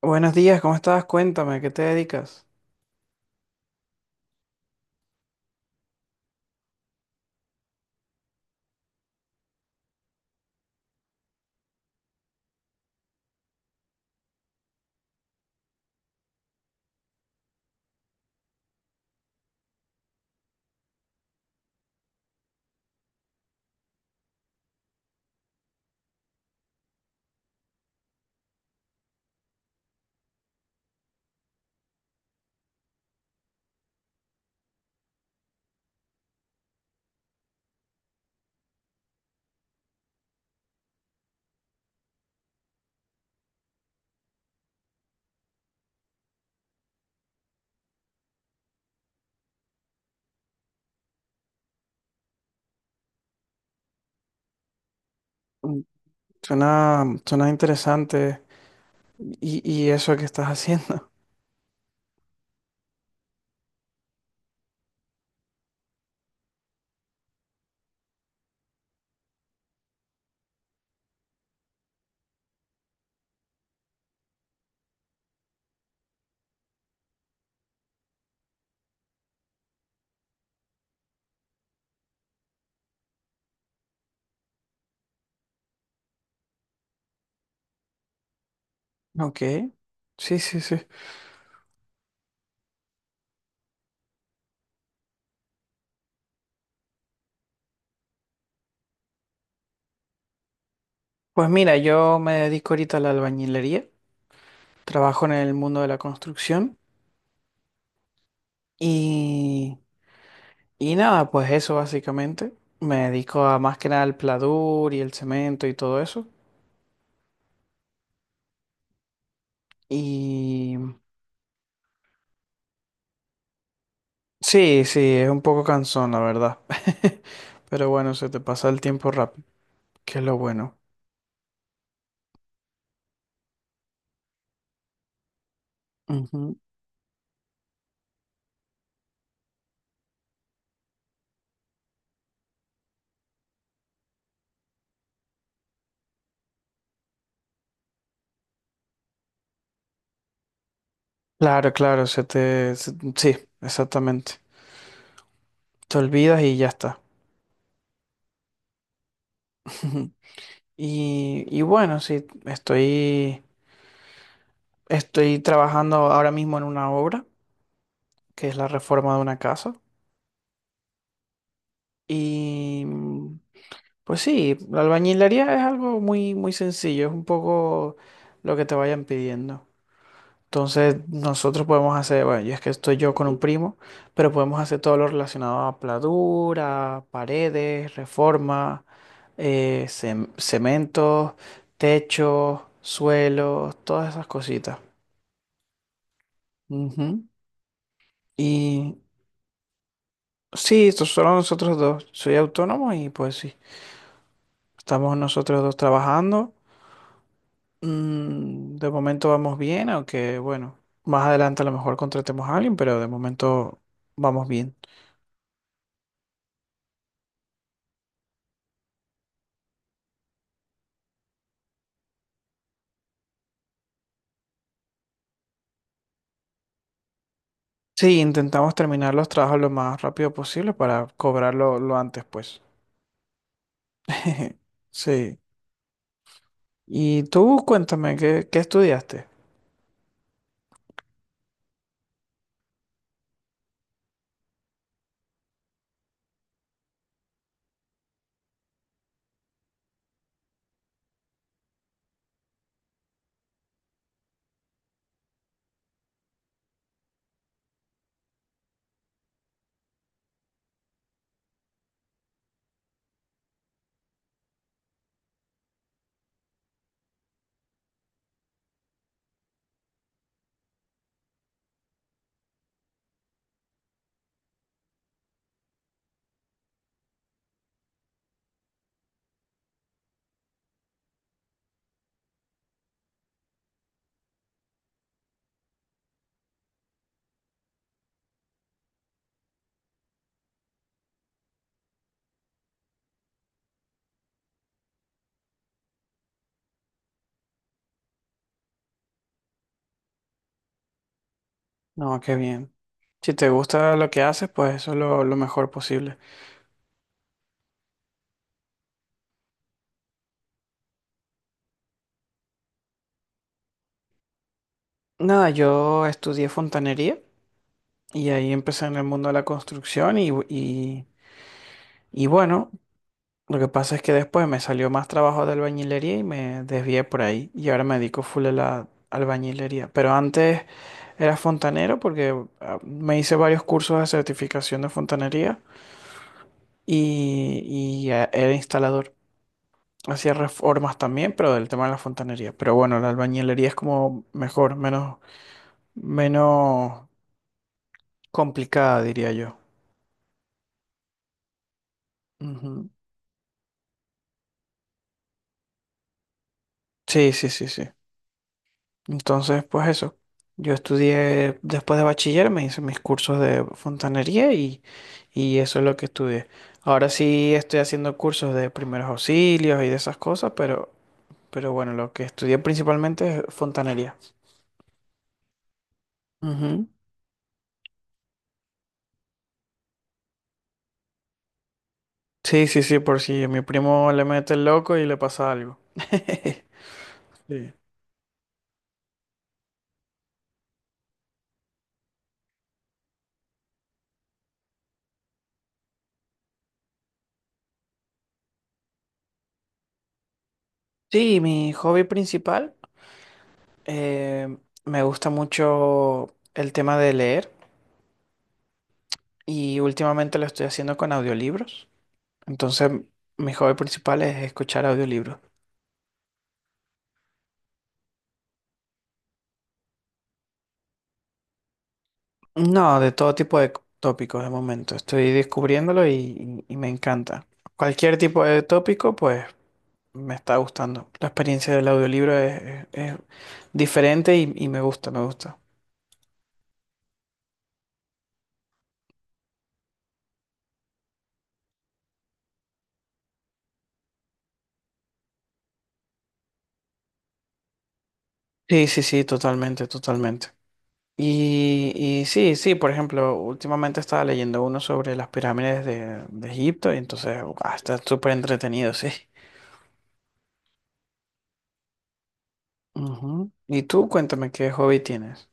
Buenos días, ¿cómo estás? Cuéntame, ¿a ¿qué te dedicas? Mm, Suena interesante. ¿Y eso que estás haciendo? Ok, sí, sí, sí. Pues mira, yo me dedico ahorita a la albañilería, trabajo en el mundo de la construcción y, y nada, pues eso básicamente. Me dedico a más que nada al pladur y el cemento y todo eso. Y sí, sí, es un poco cansón, la verdad. Pero bueno, se te pasa el tiempo rápido, que es lo bueno. Ujú. Claro, claro, sí, exactamente. Te olvidas y ya está. Y bueno, sí, estoy trabajando ahora mismo en una obra, que es la reforma de una casa. Y pues sí, la albañilería es algo muy, muy sencillo, es un poco lo que te vayan pidiendo. Entonces, nosotros podemos hacer, bueno, yo es que estoy yo con un primo, pero podemos hacer todo lo relacionado a pladura, paredes, reforma, cementos, techos, suelos, todas esas cositas. Ujú. Y sí, esto solo nosotros dos. Soy autónomo y pues sí, estamos nosotros dos trabajando. Mm, de momento vamos bien, aunque bueno, más adelante a lo mejor contratemos a alguien, pero de momento vamos bien. Sí, intentamos terminar los trabajos lo más rápido posible para cobrarlo lo antes, pues. Sí. Y tú cuéntame, ¿qué estudiaste? No, qué bien. Si te gusta lo que haces, pues eso es lo mejor posible. Nada, yo estudié fontanería y ahí empecé en el mundo de la construcción y bueno, lo que pasa es que después me salió más trabajo de albañilería y me desvié por ahí. Y ahora me dedico full a la albañilería. Pero antes era fontanero porque me hice varios cursos de certificación de fontanería y, y era instalador. Hacía reformas también, pero del tema de la fontanería. Pero bueno, la albañilería es como mejor, menos complicada, diría yo. Ujú. Sí, sí, sí, sí. Entonces, pues eso. Yo estudié después de bachiller, me hice mis cursos de fontanería y eso es lo que estudié. Ahora sí estoy haciendo cursos de primeros auxilios y de esas cosas, pero bueno, lo que estudié principalmente es fontanería. Ujú. Sí, sí, sí, por si a mi primo le mete el loco y le pasa algo. Sí, sí, mi hobby principal, eh, me gusta mucho el tema de leer y últimamente lo estoy haciendo con audiolibros. Entonces, mi hobby principal es escuchar audiolibros. No, de todo tipo de c- tópicos de momento. Estoy descubriéndolo y me encanta. Cualquier tipo de tópico, pues me está gustando. La experiencia del audiolibro es diferente y me gusta, me gusta. Sí, sí, sí, totalmente, totalmente. Y sí, sí, por ejemplo, últimamente estaba leyendo uno sobre las pirámides de Egipto y entonces ah, está súper entretenido, sí. Ujú. Y tú cuéntame qué hobby tienes.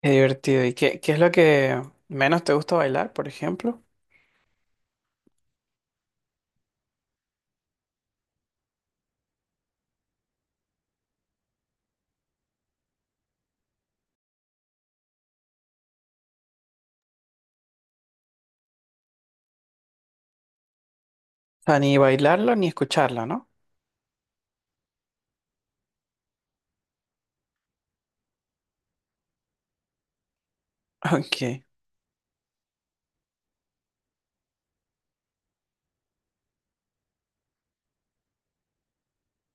Qué divertido. ¿Y qué es lo que menos te gusta bailar, por ejemplo? O sea, ni bailarlo ni escucharlo, ¿no? Ok.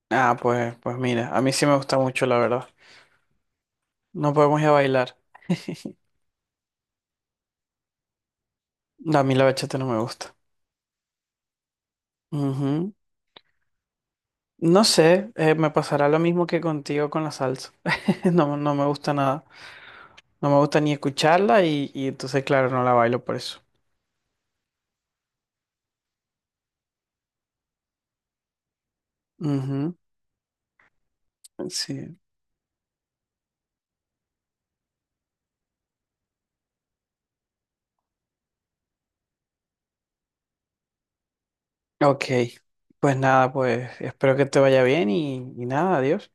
Ah, pues mira, a mí sí me gusta mucho, la verdad. No podemos ir a bailar. No, a mí la bachata no me gusta. Ujú. No sé, me pasará lo mismo que contigo con la salsa. No, no me gusta nada. No me gusta ni escucharla y entonces, claro, no la bailo por eso. Ujú, sí. Ok. Pues nada, pues espero que te vaya bien y nada, adiós.